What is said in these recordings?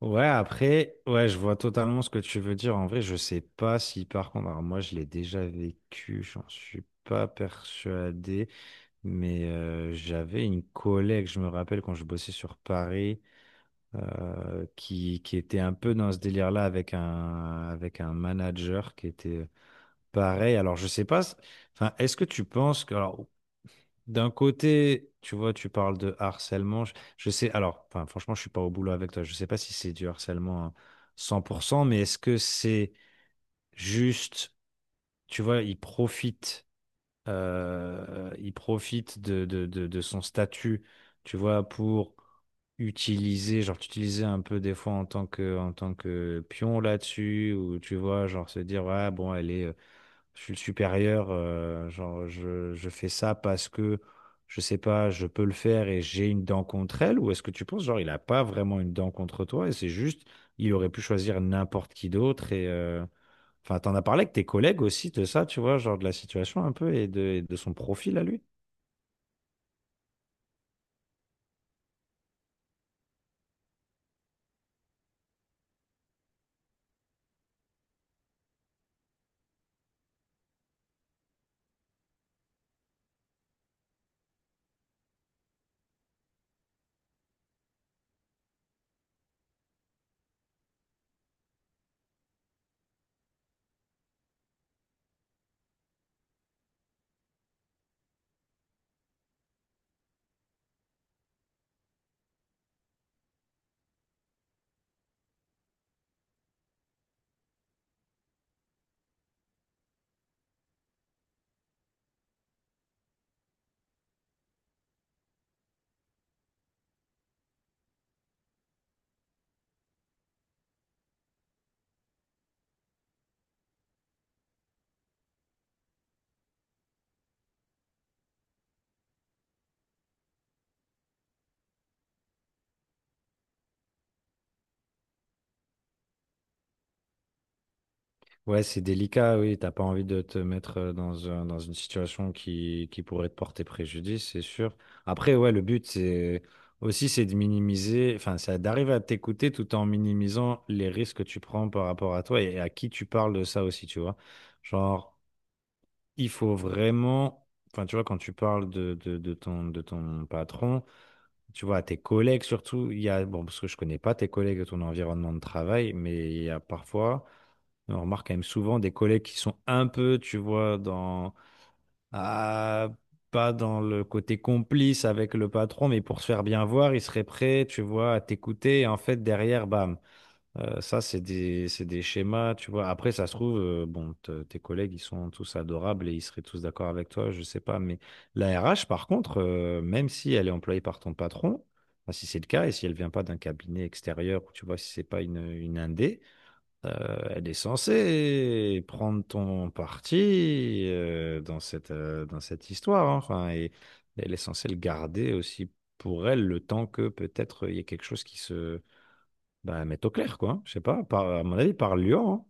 Ouais, après, ouais, je vois totalement ce que tu veux dire. En vrai, je sais pas si par contre, alors moi je l'ai déjà vécu, j'en suis pas persuadé, mais j'avais une collègue, je me rappelle quand je bossais sur Paris, qui était un peu dans ce délire-là avec avec un manager qui était pareil. Alors je sais pas, enfin, est-ce que tu penses que, alors d'un côté, tu vois, tu parles de harcèlement. Je sais, alors, enfin, franchement, je suis pas au boulot avec toi. Je sais pas si c'est du harcèlement à 100%, mais est-ce que c'est juste, tu vois, il profite de son statut, tu vois, pour utiliser, genre, t'utiliser un peu des fois en tant que pion là-dessus, ou tu vois, genre, se dire, ouais, bon, elle est je suis le supérieur, genre je fais ça parce que je sais pas, je peux le faire et j'ai une dent contre elle, ou est-ce que tu penses genre il a pas vraiment une dent contre toi et c'est juste il aurait pu choisir n'importe qui d'autre et enfin t'en as parlé avec tes collègues aussi de ça, tu vois, genre de la situation un peu et et de son profil à lui? Ouais, c'est délicat, oui. T'as pas envie de te mettre dans, dans une situation qui pourrait te porter préjudice, c'est sûr. Après, ouais, le but, c'est aussi, c'est de minimiser, enfin, c'est d'arriver à t'écouter tout en minimisant les risques que tu prends par rapport à toi et à qui tu parles de ça aussi, tu vois. Genre, il faut vraiment, enfin, tu vois, quand tu parles de ton patron, tu vois, à tes collègues surtout, il y a, bon, parce que je connais pas tes collègues de ton environnement de travail, mais il y a parfois on remarque quand même souvent des collègues qui sont un peu, tu vois, dans, ah, pas dans le côté complice avec le patron, mais pour se faire bien voir, ils seraient prêts, tu vois, à t'écouter. Et en fait, derrière, bam. Ça, c'est des schémas, tu vois. Après, ça se trouve, bon, tes collègues, ils sont tous adorables et ils seraient tous d'accord avec toi, je sais pas. Mais la RH, par contre, même si elle est employée par ton patron, enfin, si c'est le cas et si elle vient pas d'un cabinet extérieur, ou tu vois, si c'est pas une, une indé, elle est censée prendre ton parti dans cette histoire, hein. Enfin, et elle est censée le garder aussi pour elle le temps que peut-être il y ait quelque chose qui se bah, mette au clair, quoi. Je sais pas, par, à mon avis, par Lyon, hein.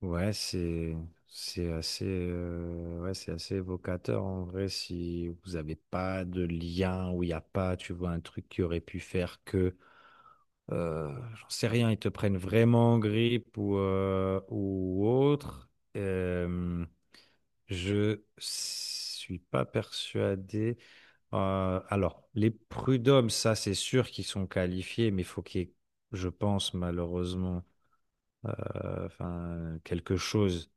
Ouais, c'est assez ouais, c'est assez évocateur en vrai si vous n'avez pas de lien ou il n'y a pas, tu vois, un truc qui aurait pu faire que j'en sais rien, ils te prennent vraiment en grippe ou autre. Euh, je suis pas persuadé. Alors, les prud'hommes, ça, c'est sûr qu'ils sont qualifiés, mais il faut qu'il y ait, je pense, malheureusement, enfin, quelque chose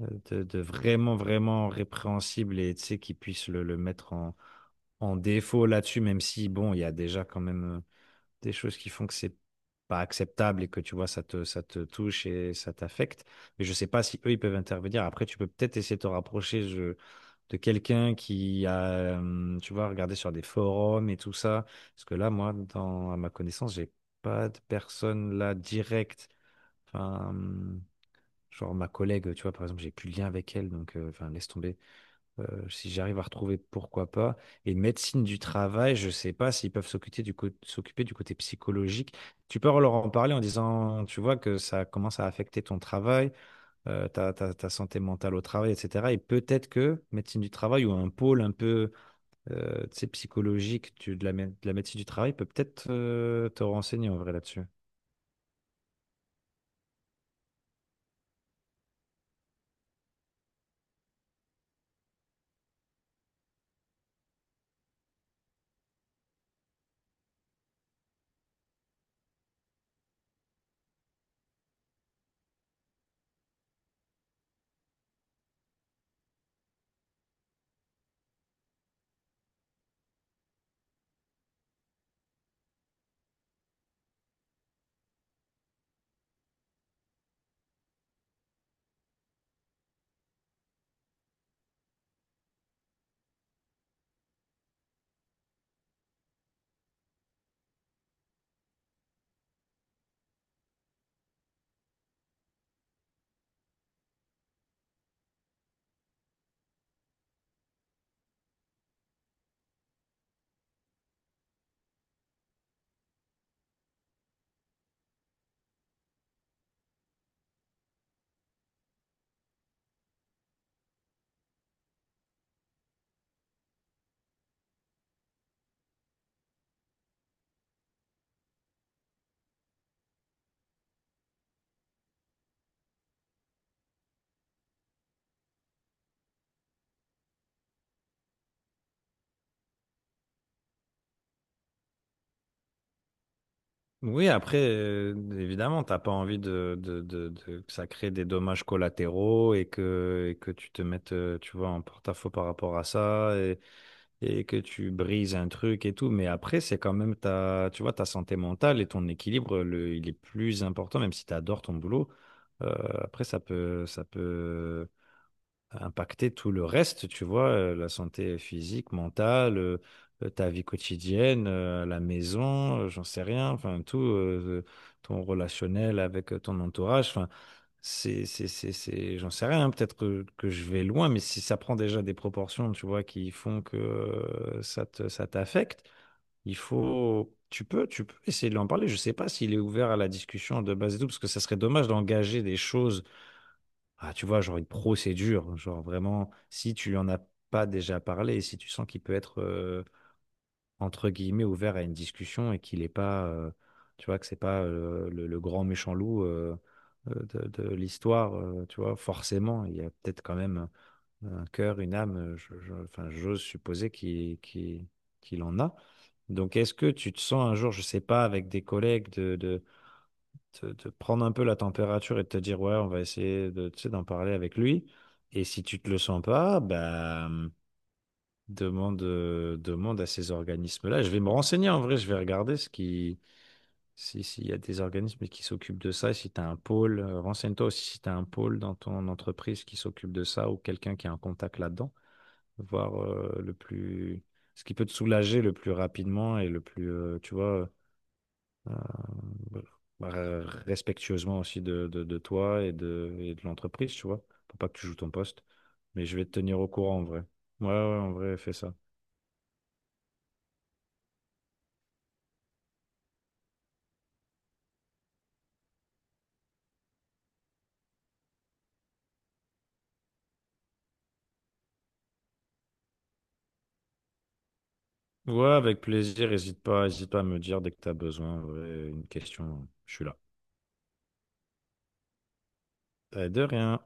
de vraiment, vraiment répréhensible et, tu sais, qu'ils puissent le mettre en, en défaut là-dessus, même si, bon, il y a déjà quand même des choses qui font que c'est pas acceptable et que tu vois, ça te touche et ça t'affecte. Mais je sais pas si eux, ils peuvent intervenir. Après, tu peux peut-être essayer de te rapprocher de quelqu'un qui a, tu vois, regardé sur des forums et tout ça. Parce que là, moi, dans, à ma connaissance, j'ai pas de personne là directe. Enfin, genre ma collègue, tu vois, par exemple, j'ai plus de lien avec elle, donc, enfin, laisse tomber. Si j'arrive à retrouver, pourquoi pas. Et médecine du travail, je sais pas s'ils peuvent s'occuper du s'occuper du côté psychologique. Tu peux leur en parler en disant, tu vois, que ça commence à affecter ton travail, ta santé mentale au travail, etc. Et peut-être que médecine du travail ou un pôle un peu tu sais, psychologique de la, de la médecine du travail peut peut-être te renseigner en vrai là-dessus. Oui, après, évidemment, t'as pas envie que ça crée des dommages collatéraux et que tu te mettes, tu vois, en porte-à-faux par rapport à ça et que tu brises un truc et tout. Mais après, c'est quand même ta, tu vois, ta santé mentale et ton équilibre, le, il est plus important, même si tu adores ton boulot. Euh, après, ça peut impacter tout le reste, tu vois, la santé physique, mentale, ta vie quotidienne, la maison, j'en sais rien, enfin tout, ton relationnel avec ton entourage, enfin c'est, j'en sais rien, hein, peut-être que je vais loin, mais si ça prend déjà des proportions, tu vois, qui font que ça te, ça t'affecte, il faut, tu peux essayer de lui en parler. Je sais pas s'il est ouvert à la discussion de base et tout, parce que ça serait dommage d'engager des choses tu vois, genre une procédure, hein, genre vraiment, si tu lui en as pas déjà parlé, si tu sens qu'il peut être, entre guillemets, ouvert à une discussion et qu'il est pas, tu vois, que c'est pas le grand méchant loup de l'histoire, tu vois, forcément, il y a peut-être quand même un cœur, une âme, enfin, j'ose supposer qu'il en a. Donc, est-ce que tu te sens un jour, je sais pas, avec des collègues te, te prendre un peu la température et de te dire, ouais, on va essayer de, tu sais, d'en parler avec lui. Et si tu te le sens pas, bah, demande à ces organismes-là. Je vais me renseigner en vrai, je vais regarder ce qui, si, s'il y a des organismes qui s'occupent de ça, et si tu as un pôle, renseigne-toi aussi si tu as un pôle dans ton entreprise qui s'occupe de ça ou quelqu'un qui a un contact là-dedans, voir, le plus, ce qui peut te soulager le plus rapidement et le plus, tu vois euh, voilà. Bah, respectueusement aussi de, de toi et de l'entreprise, tu vois, pour pas que tu joues ton poste. Mais je vais te tenir au courant en vrai. Ouais, en vrai, fais ça. Ouais, avec plaisir. Hésite pas à me dire dès que tu as besoin, en une question. Je suis là. De rien.